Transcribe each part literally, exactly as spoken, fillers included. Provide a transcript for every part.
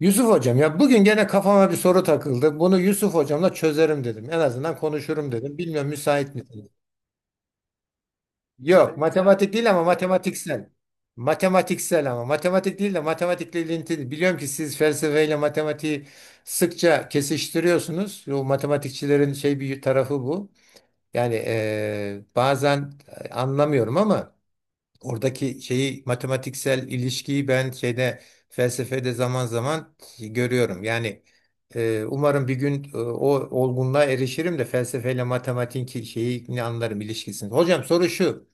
Yusuf hocam ya bugün gene kafama bir soru takıldı. Bunu Yusuf hocamla çözerim dedim. En azından konuşurum dedim. Bilmiyorum müsait misiniz? Yok, matematik değil ama matematiksel. Matematiksel ama matematik değil de matematikle ilintili. Biliyorum ki siz felsefeyle matematiği sıkça kesiştiriyorsunuz. O matematikçilerin şey bir tarafı bu. Yani eee, bazen anlamıyorum ama oradaki şeyi, matematiksel ilişkiyi, ben şeyde, felsefede, zaman zaman görüyorum. Yani e, umarım bir gün e, o olgunluğa erişirim de felsefeyle matematiğin ki- şeyini anlarım, ilişkisini. Hocam soru şu.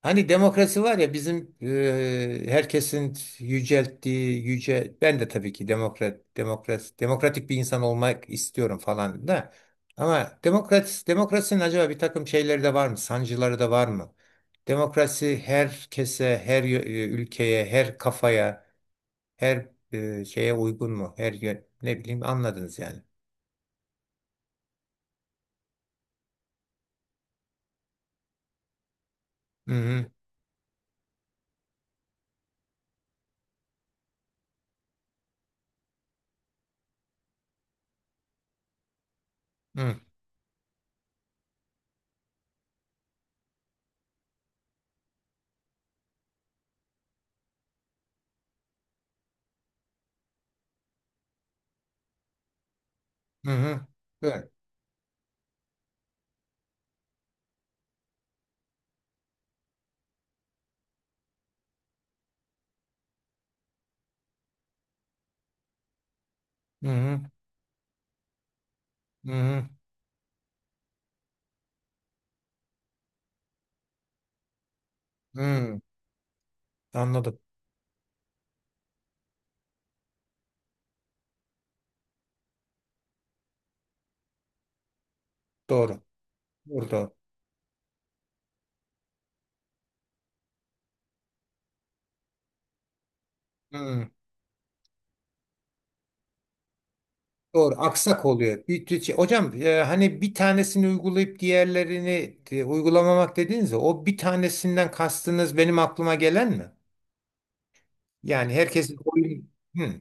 Hani demokrasi var ya, bizim e, herkesin yücelttiği yüce, ben de tabii ki demokrat demokrat demokratik bir insan olmak istiyorum falan da ama demokrat demokrasinin acaba bir takım şeyleri de var mı? Sancıları da var mı? Demokrasi herkese, her yö- e, ülkeye, her kafaya, her e, şeye uygun mu? Her yö- ne bileyim, anladınız yani. Hı hı, hı hı, hı. Böyle. Hı hı, hı hı. Hı. Anladım. Doğru. Doğru. Doğru, aksak oluyor. Bir, tü- şey, hocam, e, hani bir tanesini uygulayıp diğerlerini e, uygulamamak dediniz ya, o bir tanesinden kastınız benim aklıma gelen mi? Yani herkesin oyun. Hı.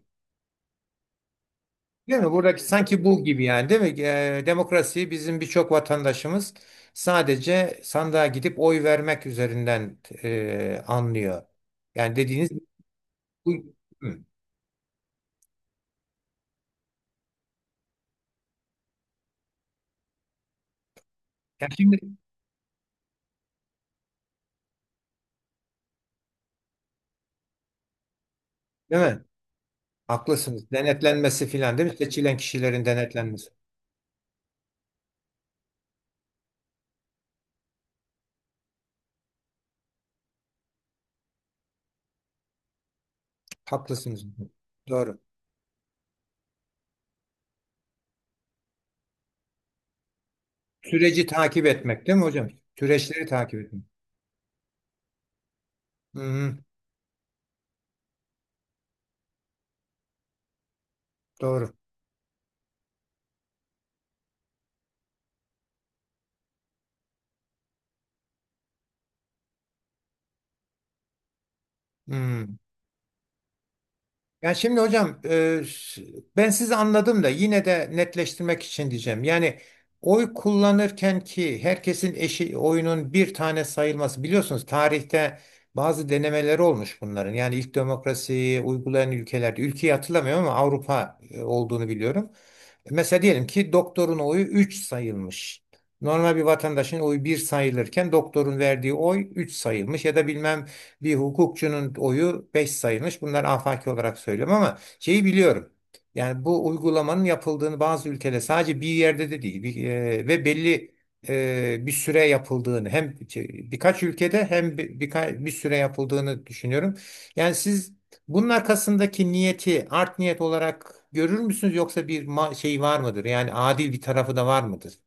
Değil mi? Buradaki sanki bu gibi, yani değil mi? E, demokrasiyi bizim birçok vatandaşımız sadece sandığa gidip oy vermek üzerinden e, anlıyor. Yani dediğiniz bu. Hı. Yani şimdi değil mi? Haklısınız. Denetlenmesi filan değil mi? Seçilen kişilerin denetlenmesi. Haklısınız. Doğru. Süreci takip etmek değil mi hocam? Süreçleri takip etmek. Hı hı, doğru. Hı. Yani şimdi hocam e, s- Ben sizi anladım da yine de netleştirmek için diyeceğim. Yani oy kullanırken ki herkesin eşi oyunun bir tane sayılması, biliyorsunuz, tarihte bazı denemeleri olmuş bunların. Yani ilk demokrasiyi uygulayan ülkelerde, ülkeyi hatırlamıyorum ama Avrupa e, olduğunu biliyorum. Mesela diyelim ki doktorun oyu üç sayılmış. Normal bir vatandaşın oyu bir sayılırken doktorun verdiği oy üç sayılmış ya da bilmem bir hukukçunun oyu beş sayılmış. Bunlar afaki olarak söylüyorum ama şeyi biliyorum. Yani bu uygulamanın yapıldığını bazı ülkede, sadece bir yerde de değil, bir, e, ve belli e, bir süre yapıldığını, hem şey, birkaç ülkede hem bir, birka- bir süre yapıldığını düşünüyorum. Yani siz bunun arkasındaki niyeti art niyet olarak görür müsünüz, yoksa bir ma- şey var mıdır? Yani adil bir tarafı da var mıdır?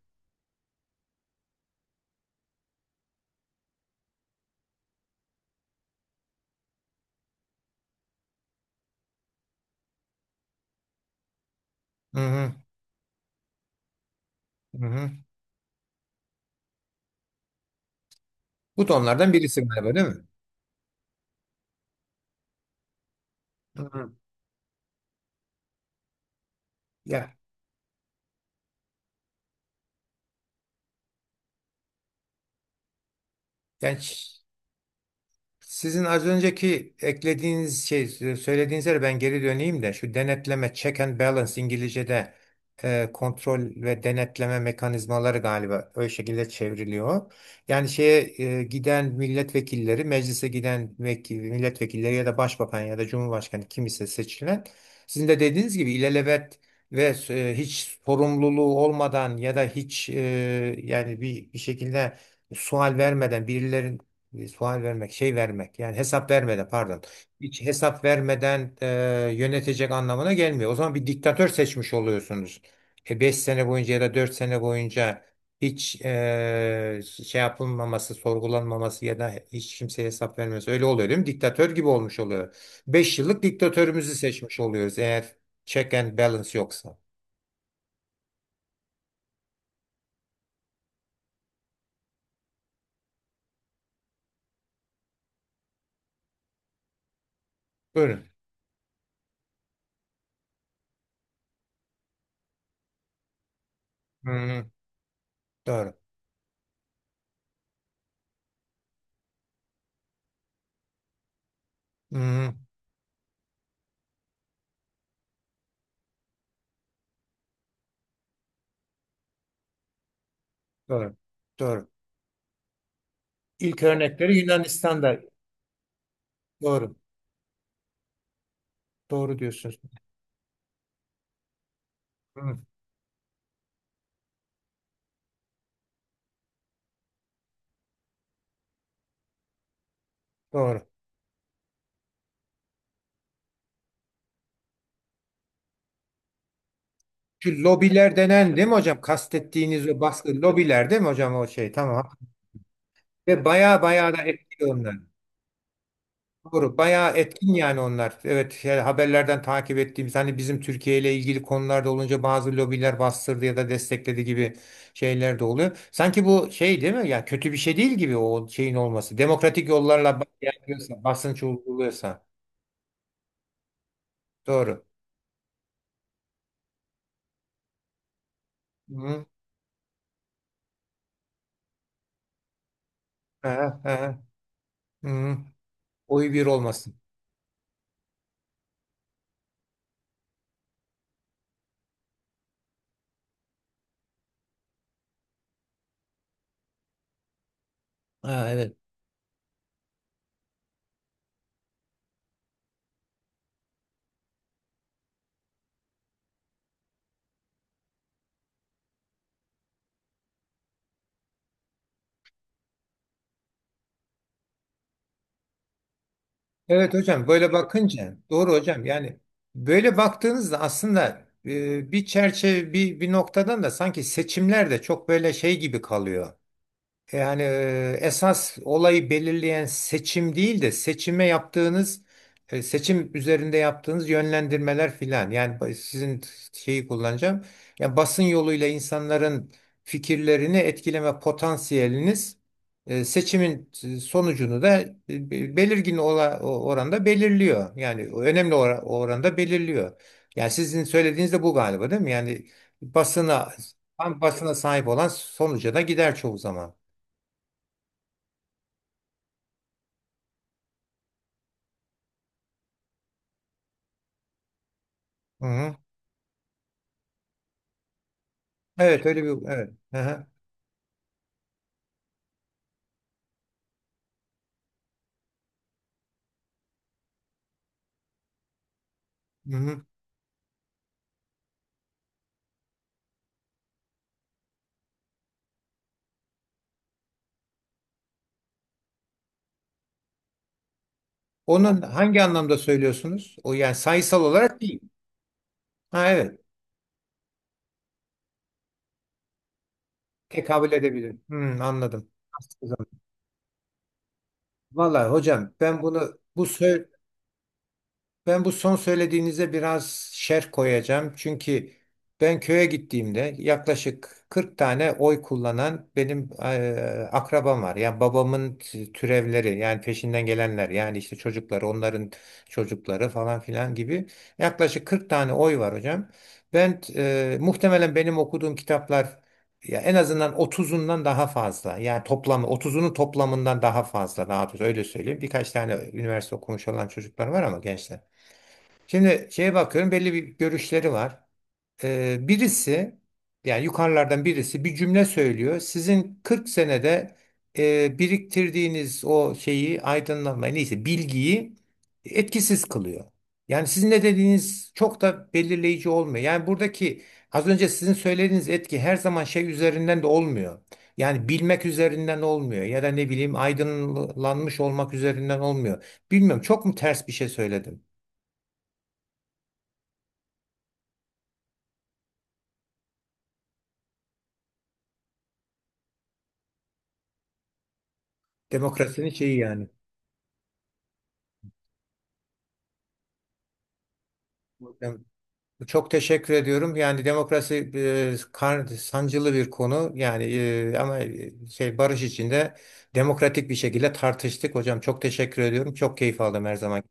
Hı hı, hı hı. Bu da onlardan birisi galiba değil mi? Hı hı. Ya, genç. Sizin az önceki eklediğiniz şey, söylediğiniz, ben geri döneyim de, şu denetleme, check and balance, İngilizce'de e, kontrol ve denetleme mekanizmaları galiba öyle şekilde çevriliyor. Yani şeye e, giden milletvekilleri, meclise giden vekil, milletvekilleri ya da başbakan ya da cumhurbaşkanı kim ise seçilen, sizin de dediğiniz gibi ilelebet ve e, hiç sorumluluğu olmadan ya da hiç e, yani bir, bir şekilde sual vermeden birilerin e, sual vermek, şey vermek, yani hesap vermeden, pardon. Hiç hesap vermeden e, yönetecek anlamına gelmiyor. O zaman bir diktatör seçmiş oluyorsunuz. E, beş sene boyunca ya da dört sene boyunca hiç e, şey yapılmaması, sorgulanmaması ya da hiç kimseye hesap vermemesi öyle oluyor değil mi? Diktatör gibi olmuş oluyor. Beş yıllık diktatörümüzü seçmiş oluyoruz eğer check and balance yoksa. Buyurun. Hı hı, doğru. Hı hı, doğru. Doğru. İlk örnekleri Yunanistan'da. Doğru. Doğru diyorsunuz. Evet. Doğru. Şu lobiler denen değil mi hocam? Kastettiğiniz o baskı lobiler değil mi hocam, o şey? Tamam. Ve baya baya da etkili onlar. Doğru. Bayağı etkin yani onlar. Evet, yani haberlerden takip ettiğimiz, hani bizim Türkiye ile ilgili konularda olunca bazı lobiler bastırdı ya da destekledi gibi şeyler de oluyor. Sanki bu şey değil mi? Ya kötü bir şey değil gibi o şeyin olması. Demokratik yollarla bas- yapıyorsa, basınç uyguluyorsa. Doğru. Hı hı. Aha, aha. Hı hı. Oy bir olmasın. Ha, evet. Evet hocam, böyle bakınca doğru hocam, yani böyle baktığınızda aslında e, bir çerçeve, bir, bir noktadan da sanki seçimler de çok böyle şey gibi kalıyor. Yani e, esas olayı belirleyen seçim değil de seçime yaptığınız e, seçim üzerinde yaptığınız yönlendirmeler filan. Yani ba- sizin şeyi kullanacağım. Yani basın yoluyla insanların fikirlerini etkileme potansiyeliniz e, seçimin e, sonucunu da e, be- belirgin ola- o- oranda belirliyor. Yani önemli ora- oranda belirliyor. Yani sizin söylediğiniz de bu galiba değil mi? Yani basına tam basına sahip olan sonuca da gider çoğu zaman. Hı hı. Evet, öyle bir, evet. Hı hı. Hı hı. Onun hangi anlamda söylüyorsunuz? O, yani sayısal olarak değil. Ha, evet. Tekabül edebilir. Hı, anladım. Vallahi hocam ben bunu bu sö- Ben bu son söylediğinize biraz şerh koyacağım. Çünkü ben köye gittiğimde yaklaşık kırk tane oy kullanan benim eee, akrabam var. Yani babamın t- türevleri, yani peşinden gelenler, yani işte çocukları, onların çocukları, falan filan gibi yaklaşık kırk tane oy var hocam. Ben eee, muhtemelen benim okuduğum kitaplar ya en azından otuzundan daha fazla. Yani toplamı otuzunun toplamından daha fazla, daha doğrusu öyle söyleyeyim. Birkaç tane üniversite okumuş olan çocuklar var ama gençler. Şimdi şeye bakıyorum, belli bir görüşleri var. Ee, birisi, yani yukarılardan birisi bir cümle söylüyor. Sizin kırk senede e, biriktirdiğiniz o şeyi, aydınlanmayı, neyse bilgiyi, etkisiz kılıyor. Yani sizin ne dediğiniz çok da belirleyici olmuyor. Yani buradaki, az önce sizin söylediğiniz etki, her zaman şey üzerinden de olmuyor. Yani bilmek üzerinden olmuyor ya da ne bileyim aydınlanmış olmak üzerinden olmuyor. Bilmiyorum, çok mu ters bir şey söyledim? Demokrasinin şeyi yani. Ben, çok teşekkür ediyorum. Yani demokrasi e, kar- sancılı bir konu. Yani e, ama e, şey, barış içinde demokratik bir şekilde tartıştık hocam. Çok teşekkür ediyorum. Çok keyif aldım her zaman.